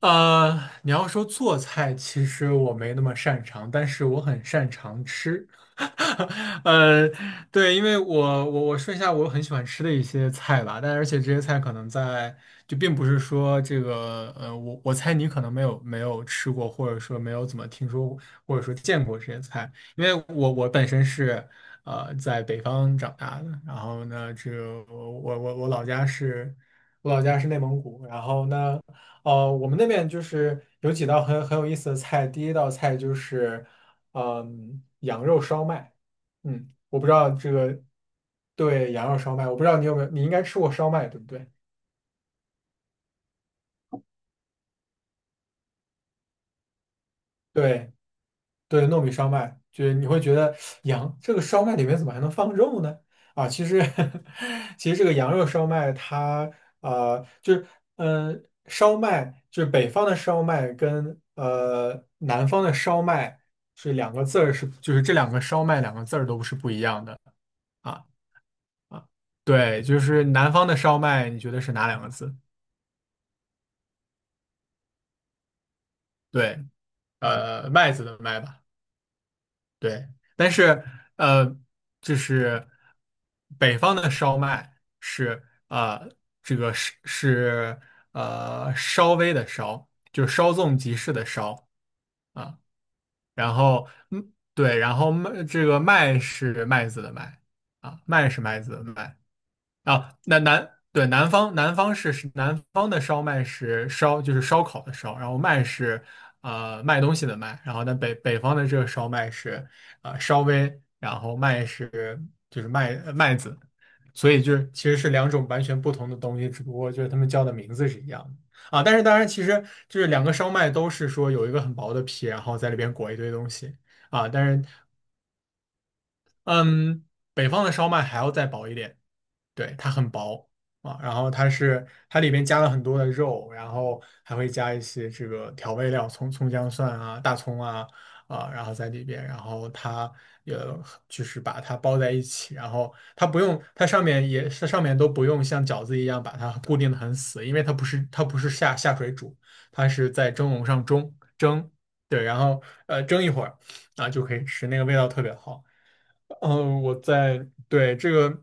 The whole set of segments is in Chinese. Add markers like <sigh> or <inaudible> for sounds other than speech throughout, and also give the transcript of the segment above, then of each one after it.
你要说做菜，其实我没那么擅长，但是我很擅长吃。<laughs> 呃，对，因为我说一下我很喜欢吃的一些菜吧，而且这些菜可能在并不是说这个我猜你可能没有吃过，或者说没有怎么听说过，或者说见过这些菜，因为我本身是在北方长大的。然后呢，这个我老家是我老家是内蒙古。然后呢，我们那边就是有几道很有意思的菜。第一道菜就是，嗯，羊肉烧麦。嗯，我不知道这个，对，羊肉烧麦，我不知道你有没有，你应该吃过烧麦，对不对？对，对，糯米烧麦，就是你会觉得羊这个烧麦里面怎么还能放肉呢？啊，其实 <laughs> 其实这个羊肉烧麦它就是嗯、呃烧麦就是北方的烧麦跟南方的烧麦是两个字儿是就是这两个烧麦两个字儿都是不一样的。啊，啊，对，就是南方的烧麦你觉得是哪两个字？对，麦子的麦吧。对，但是呃，就是北方的烧麦是这个是稍微的稍，就是稍纵即逝的稍。啊，然后嗯，对，然后麦这个麦是麦子的麦。啊，麦是麦子的麦。啊，那南对南方是南方的烧麦是烧，就是烧烤的烧，然后麦是卖东西的卖，然后那北方的这个烧麦是稍微，然后麦是就是麦子。所以就是其实是两种完全不同的东西，只不过就是他们叫的名字是一样的啊。但是当然其实就是两个烧麦都是说有一个很薄的皮，然后在里边裹一堆东西。啊，但是嗯，北方的烧麦还要再薄一点。对，它很薄。啊，然后它是它里面加了很多的肉，然后还会加一些这个调味料，葱、葱姜蒜啊、大葱啊。啊，然后在里边，然后它也就是把它包在一起，然后它不用，它上面也是上面都不用像饺子一样把它固定的很死，因为它不是下水煮，它是在蒸笼上蒸蒸。对，然后蒸一会儿啊，就可以吃，那个味道特别好。嗯，我在，对，这个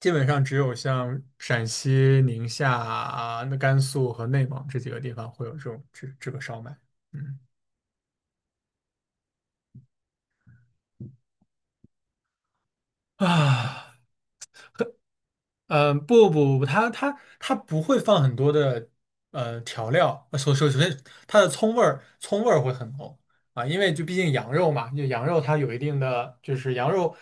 基本上只有像陕西、宁夏啊、那甘肃和内蒙这几个地方会有这种这个烧麦。嗯。<sighs> 啊。嗯，不不不，它不会放很多的调料。首先它的葱味儿会很浓。啊，因为就毕竟羊肉嘛，就羊肉它有一定的就是羊肉，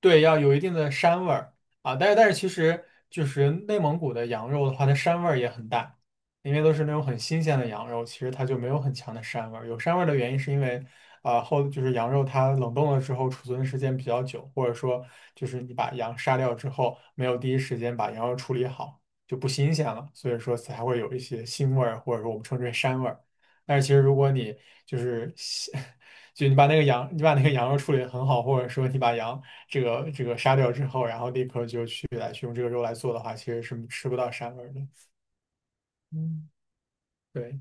对，要有一定的膻味儿。啊，但是其实就是内蒙古的羊肉的话，它膻味儿也很大。因为都是那种很新鲜的羊肉，其实它就没有很强的膻味儿。有膻味儿的原因是因为啊、就是羊肉它冷冻了之后储存的时间比较久，或者说就是你把羊杀掉之后没有第一时间把羊肉处理好，就不新鲜了，所以说才会有一些腥味儿，或者说我们称之为膻味儿。但是其实如果你就是西 <laughs> 就你把那个羊，你把那个羊肉处理得很好，或者说你把羊这个杀掉之后，然后立刻就去来去用这个肉来做的话，其实是吃不到膻味儿的。嗯，对。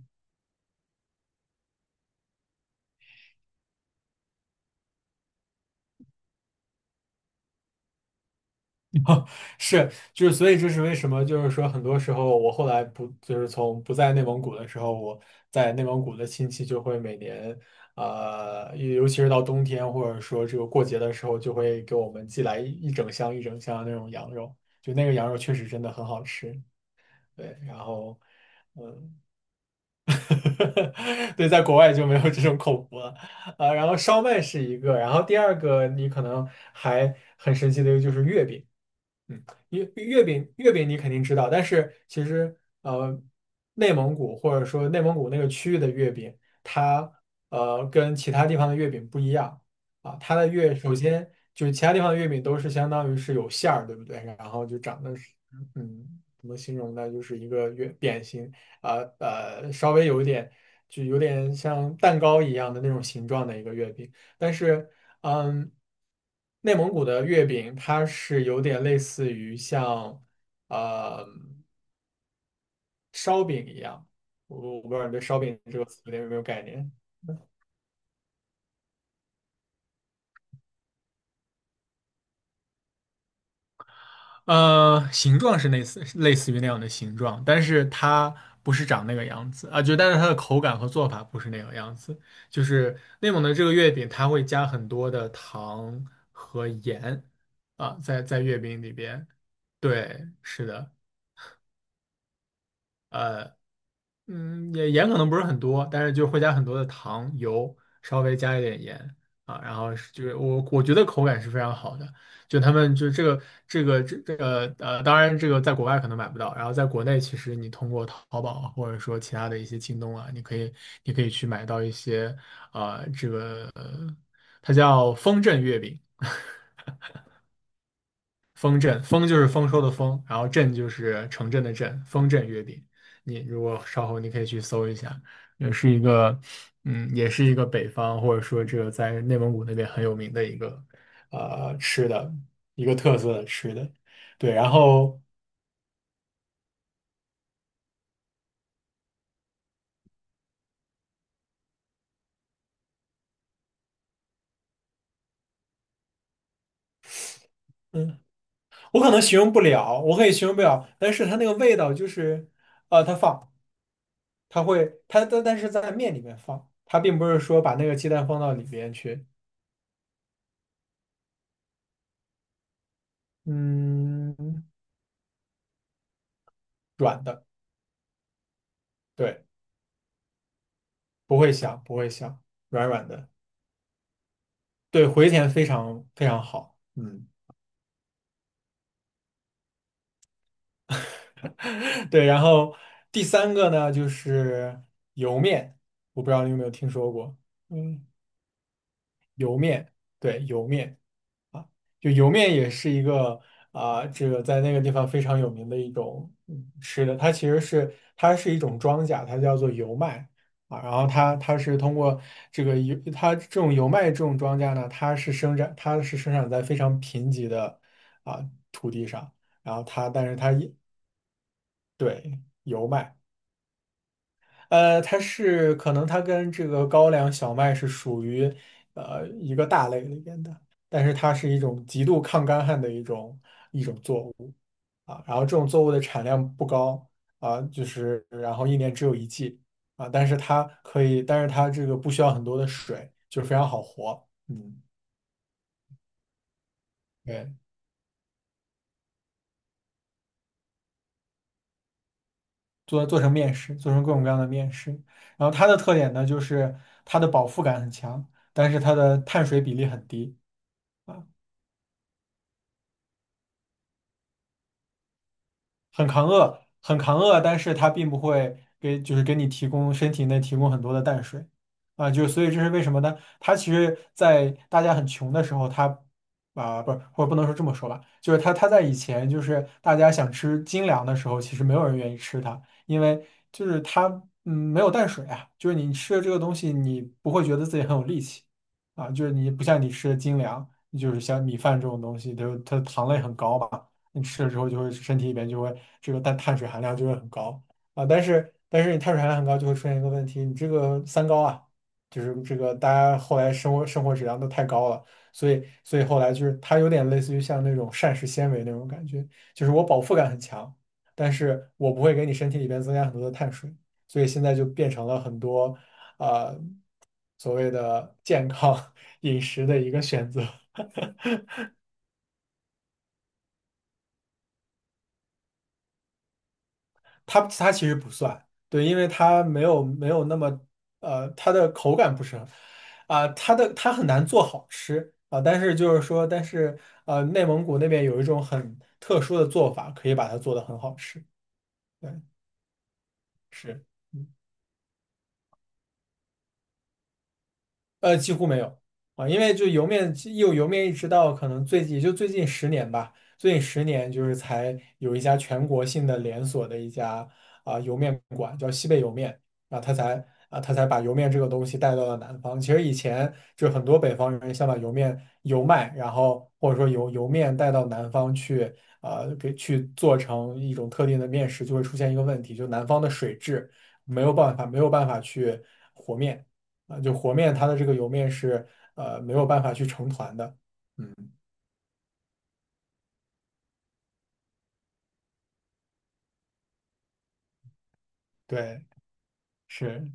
<laughs> 是，就是，所以这是为什么？就是说，很多时候我后来不，就是从不在内蒙古的时候，我在内蒙古的亲戚就会每年，尤其是到冬天或者说这个过节的时候，就会给我们寄来一整箱一整箱的那种羊肉，就那个羊肉确实真的很好吃。对，然后，嗯，<laughs> 对，在国外就没有这种口福了。然后烧麦是一个，然后第二个你可能还很神奇的一个就是月饼。嗯，月饼你肯定知道，但是其实呃，内蒙古或者说内蒙古那个区域的月饼，它跟其他地方的月饼不一样。啊，它的月，首先就是其他地方的月饼都是相当于是有馅儿，对不对？然后就长得是嗯，怎么形容呢？就是一个月扁形。啊，稍微有一点就有点像蛋糕一样的那种形状的一个月饼，但是。嗯，内蒙古的月饼它是有点类似于像呃烧饼一样，我不知道你对烧饼这个词有没有概念？形状是类似于那样的形状，但是它不是长那个样子啊，就但是它的口感和做法不是那个样子。就是内蒙的这个月饼，它会加很多的糖和盐。啊，在月饼里边。对，是的。嗯，也盐可能不是很多，但是就会加很多的糖、油，稍微加一点盐。啊，然后是就是我觉得口感是非常好的。就他们就这个这个当然这个在国外可能买不到，然后在国内其实你通过淘宝啊或者说其他的一些京东啊，你可以你可以去买到一些。啊、呃这个呃它叫风筝月饼。<laughs> 丰镇，丰就是丰收的丰，然后镇就是城镇的镇，丰镇月饼。你如果稍后你可以去搜一下，也是一个，嗯，也是一个北方或者说这个在内蒙古那边很有名的一个，吃的，一个特色的吃的。对，然后，嗯，我可能形容不了，我可以形容不了，但是它那个味道就是，它放，它会，它但是在面里面放，它并不是说把那个鸡蛋放到里边去，嗯，软的。对。不会响，不会响，软软的，对，回填非常非常好，嗯，<laughs> 对。然后第三个呢，就是油面，我不知道你有没有听说过，嗯，油面，对，油面。啊，就油面也是一个这个在那个地方非常有名的一种嗯吃的，它其实是它是一种庄稼，它叫做油麦。啊，然后它它是通过这个油，它这种油麦这种庄稼呢，它是生长它是生长在非常贫瘠的啊、土地上，然后它但是它也对油麦。它是可能它跟这个高粱小麦是属于一个大类里边的，但是它是一种极度抗干旱的一种作物。啊，然后这种作物的产量不高。啊，就是然后一年只有一季。啊，但是它可以，但是它这个不需要很多的水，就是非常好活。嗯，对，做成面食，做成各种各样的面食。然后它的特点呢，就是它的饱腹感很强，但是它的碳水比例很低。啊。很扛饿，很扛饿，但是它并不会给，就是给你提供身体内提供很多的淡水。啊，就所以这是为什么呢？它其实，在大家很穷的时候，不是，或者不能说这么说吧。就是它在以前，就是大家想吃精粮的时候，其实没有人愿意吃它。因为就是它没有淡水啊。就是你吃了这个东西，你不会觉得自己很有力气啊。就是你不像你吃的精粮，就是像米饭这种东西，就是它糖类很高吧。你吃了之后就会身体里边就会这个碳水含量就会很高啊。但是你碳水含量很高就会出现一个问题，你这个三高啊。就是这个大家后来生活质量都太高了。所以后来就是它有点类似于像那种膳食纤维那种感觉。就是我饱腹感很强，但是我不会给你身体里边增加很多的碳水。所以现在就变成了很多啊、呃所谓的健康 <laughs> 饮食的一个选择。<laughs> 它其实不算。对，因为它没有那么它的口感不是很它很难做好吃但是就是说，但是内蒙古那边有一种很特殊的做法，可以把它做的很好吃。对，是。几乎没有啊。因为就油面，有油面一直到可能最近，也就最近十年吧。最近十年就是才有一家全国性的连锁的一家油面馆，叫西北油面啊。他才把油面这个东西带到了南方。其实以前就很多北方人想把油面油麦，然后或者说油面带到南方去给去做成一种特定的面食，就会出现一个问题。就南方的水质没有办法去和面。就和面它的这个油面是没有办法去成团的。嗯，对，是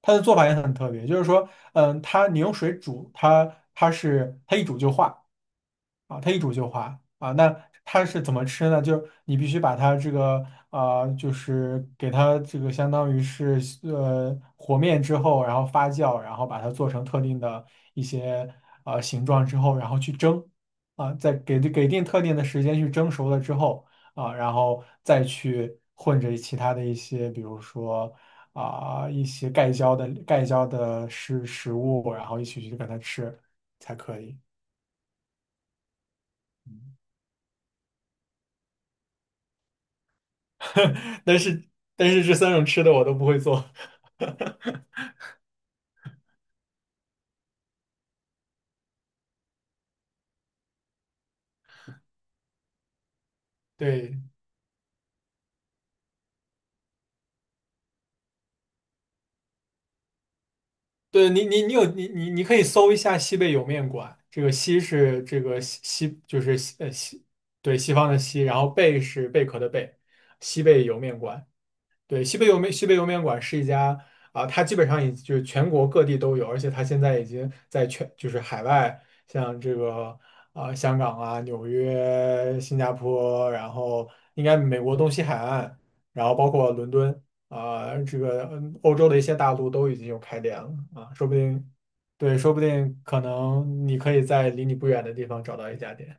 它的做法也很特别。就是说，它你用水煮它，它一煮就化。啊，它一煮就化啊。那它是怎么吃呢？就是你必须把它这个就是给它这个相当于是和面之后，然后发酵，然后把它做成特定的一些形状之后，然后去蒸啊。再给定特定的时间去蒸熟了之后啊，然后再去混着其他的一些，比如说。啊，一些盖浇的食物，然后一起去跟它吃才可以。<laughs> 但是但是这三种吃的我都不会做。对对，你你你有你你你可以搜一下西贝莜面馆。这个西是这个西就是西西对西方的西。然后贝是贝壳的贝，西贝莜面馆。对，西北莜面西北莜面馆是一家它基本上已就是全国各地都有。而且它现在已经在全就是海外，像这个香港纽约、新加坡，然后应该美国东西海岸，然后包括伦敦这个欧洲的一些大陆都已经有开店了啊，说不定对，说不定可能你可以在离你不远的地方找到一家店。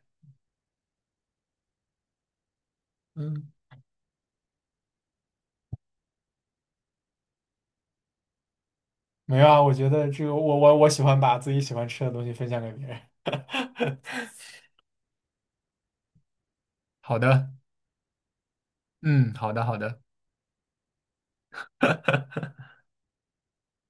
嗯，没有啊，我觉得这个我喜欢把自己喜欢吃的东西分享给别人。好的。嗯，好的好的，